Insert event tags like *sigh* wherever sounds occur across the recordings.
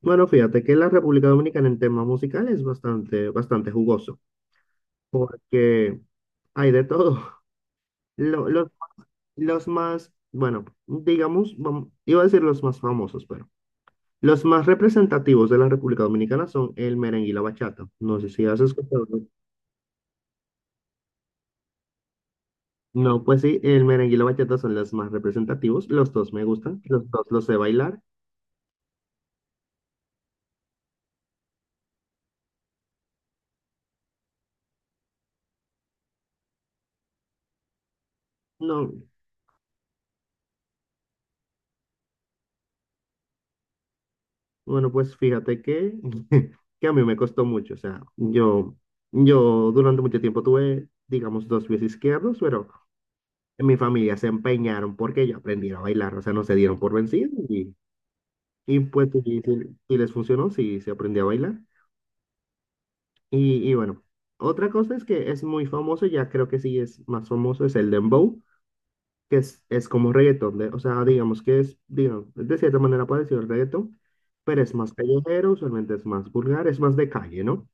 Bueno, fíjate que la República Dominicana en temas musicales es bastante jugoso, porque hay de todo. *laughs* Lo- los, los más, bueno, digamos, iba a decir los más famosos, pero los más representativos de la República Dominicana son el merengue y la bachata. No sé si has escuchado. No. No, pues sí, el merengue y la bachata son los más representativos. Los dos me gustan, los dos los sé bailar. No. Bueno, pues fíjate que, *laughs* que a mí me costó mucho. O sea, yo durante mucho tiempo tuve, digamos, dos pies izquierdos, pero en mi familia se empeñaron porque yo aprendiera a bailar. O sea, no se dieron por vencidos y pues sí, sí les funcionó, sí se aprendió a bailar. Y bueno, otra cosa es que es muy famoso, ya creo que sí es más famoso, es el dembow, que es como reggaetón. O sea, digamos que es, digamos, de cierta manera parecido al reggaetón, pero es más callejero, usualmente es más vulgar, es más de calle, ¿no?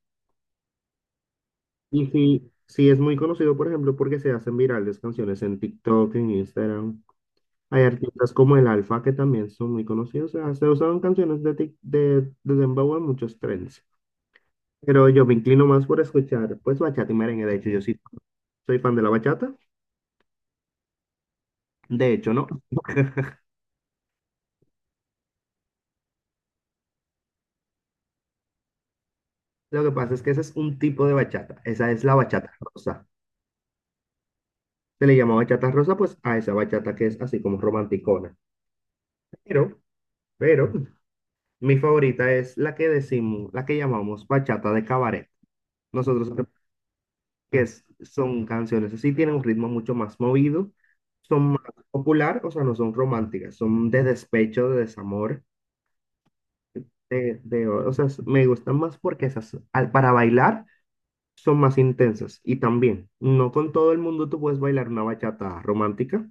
Y sí, sí es muy conocido, por ejemplo, porque se hacen virales canciones en TikTok, en Instagram. Hay artistas como el Alfa que también son muy conocidos. O sea, se usan canciones de Dembow en muchos trends. Pero yo me inclino más por escuchar, pues, bachata y merengue. De hecho, yo sí soy fan de la bachata. De hecho, no. Lo que pasa es que ese es un tipo de bachata. Esa es la bachata rosa. Se le llama bachata rosa, pues, a esa bachata que es así como romanticona. Pero, pero mi favorita es la que decimos, la que llamamos bachata de cabaret. Nosotros Cre- Son canciones así, tienen un ritmo mucho más movido, son más popular, o sea, no son románticas, son de despecho, de desamor, o sea, me gustan más porque esas, para bailar son más intensas. Y también, no con todo el mundo tú puedes bailar una bachata romántica,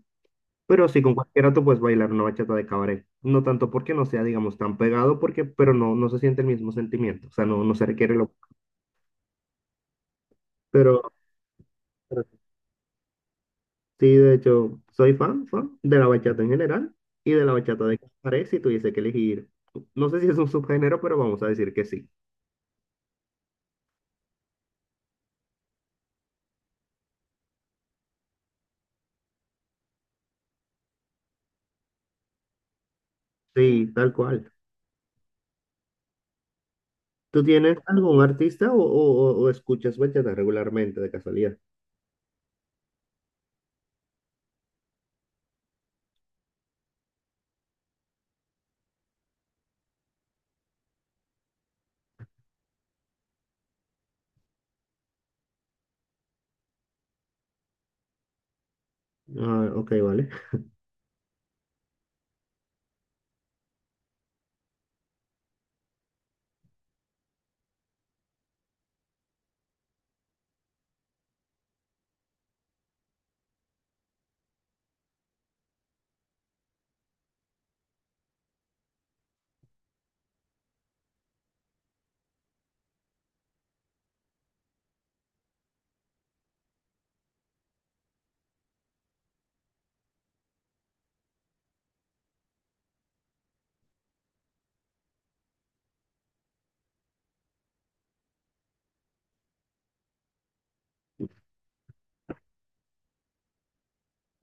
pero sí con cualquiera tú puedes bailar una bachata de cabaret. No tanto porque no sea, digamos, tan pegado, porque, pero no, no se siente el mismo sentimiento, o sea, no, no se requiere lo... Pero, sí, de hecho, soy fan de la bachata en general y de la bachata de Cabaret si tuviese que elegir. No sé si es un subgénero, pero vamos a decir que sí. Sí, tal cual. ¿Tú tienes algún artista o, o escuchas bachata regularmente, de casualidad? Ah, ok, vale.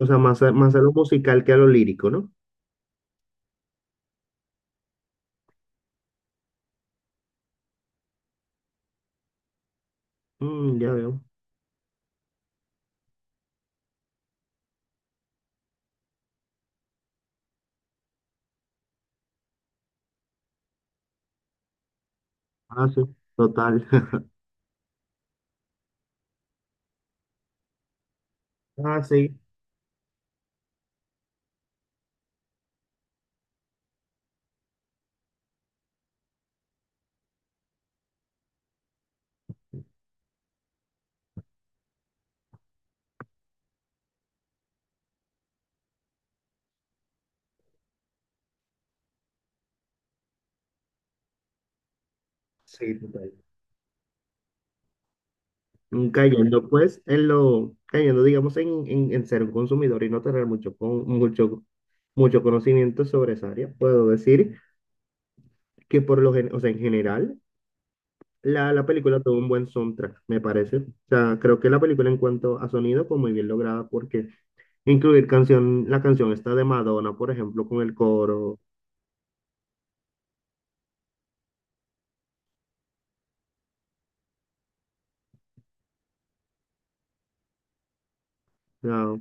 O sea, más a lo musical que a lo lírico, ¿no? Mm, ya veo. Ah, sí, total. *laughs* Ah, sí, sí, total. Mm, cayendo pues en cayendo digamos en, en ser un consumidor y no tener mucho conocimiento sobre esa área, puedo decir que por o sea, en general la película tuvo un buen soundtrack, me parece. O sea, creo que la película en cuanto a sonido fue muy bien lograda porque incluir la canción esta de Madonna, por ejemplo, con el coro, ah,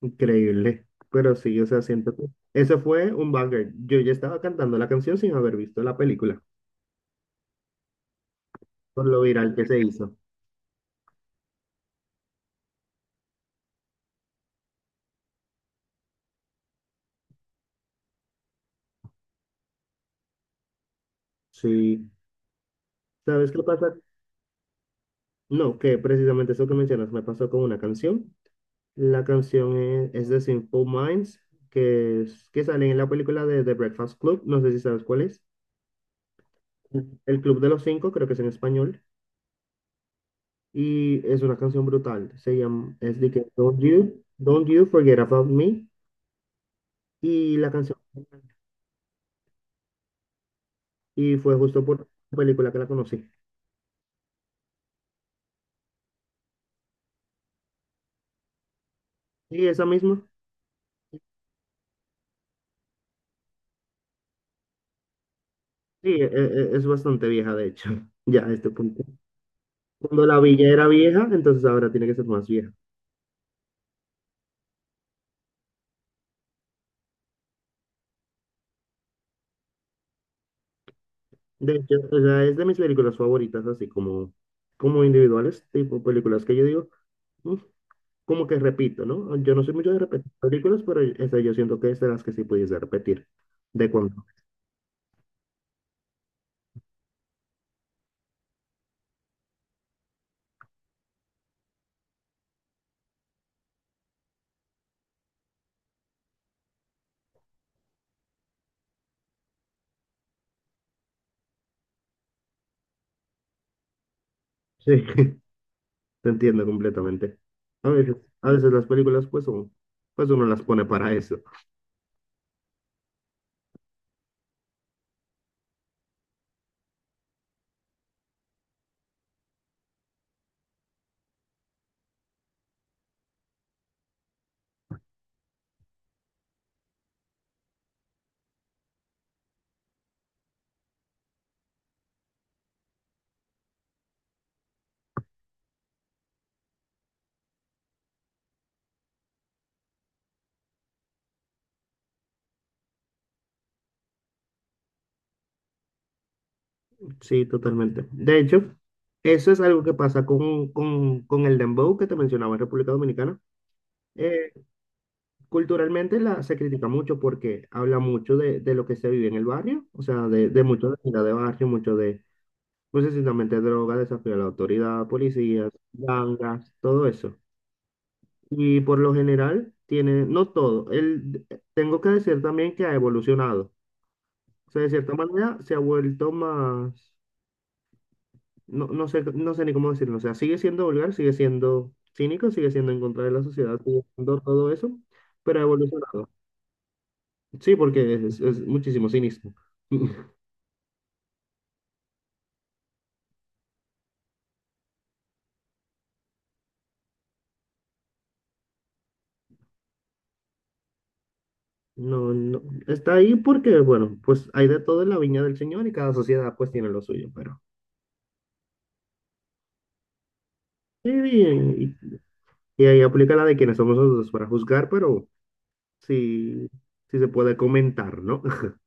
increíble. Pero sí, o sea, siento que eso fue un banger. Yo ya estaba cantando la canción sin haber visto la película por lo viral que se hizo. Sí, ¿sabes qué pasa? No, que precisamente eso que mencionas me pasó con una canción. La canción es de Simple Minds, que sale en la película de The Breakfast Club, no sé si sabes cuál es. Ujú. El Club de los Cinco, creo que es en español, y es una canción brutal. Se llama, es de que Don't You, Don't You Forget About Me, y la canción, y fue justo por la película que la conocí. Y esa misma, sí, es bastante vieja, de hecho, *laughs* ya a este punto. Cuando la villa era vieja, entonces ahora tiene que ser más vieja. De hecho, o sea, es de mis películas favoritas, así como, como individuales, tipo películas que yo digo, "Mm", como que repito, ¿no? Yo no soy mucho de repetir películas, pero esa yo siento que es de las que sí pudiese repetir. De cuando. Sí, *laughs* te entiendo completamente. A veces, a veces las películas, pues, son, pues uno las pone para eso. Sí, totalmente. De hecho, eso es algo que pasa con el dembow que te mencionaba en República Dominicana. Eh, Culturalmente se critica mucho porque habla mucho de lo que se vive en el barrio, o sea, de mucho de vida de barrio, mucho de, no sé si también de droga, desafío a la autoridad, policías, gangas, todo eso. Y por lo general tiene, no todo, tengo que decir también que ha evolucionado. O sea, de cierta manera se ha vuelto más, no, no sé, no sé ni cómo decirlo, o sea, sigue siendo vulgar, sigue siendo cínico, sigue siendo en contra de la sociedad, sigue siendo todo eso, pero ha evolucionado. Sí, porque es muchísimo cinismo. *laughs* No, no, está ahí porque, bueno, pues hay de todo en la viña del Señor y cada sociedad pues tiene lo suyo, pero... Sí, bien, y ahí aplica la de quienes somos nosotros para juzgar, pero sí, sí se puede comentar, ¿no? *laughs*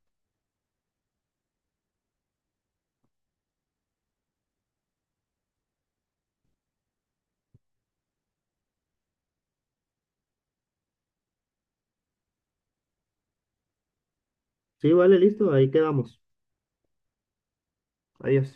Sí, vale, listo, ahí quedamos. Adiós.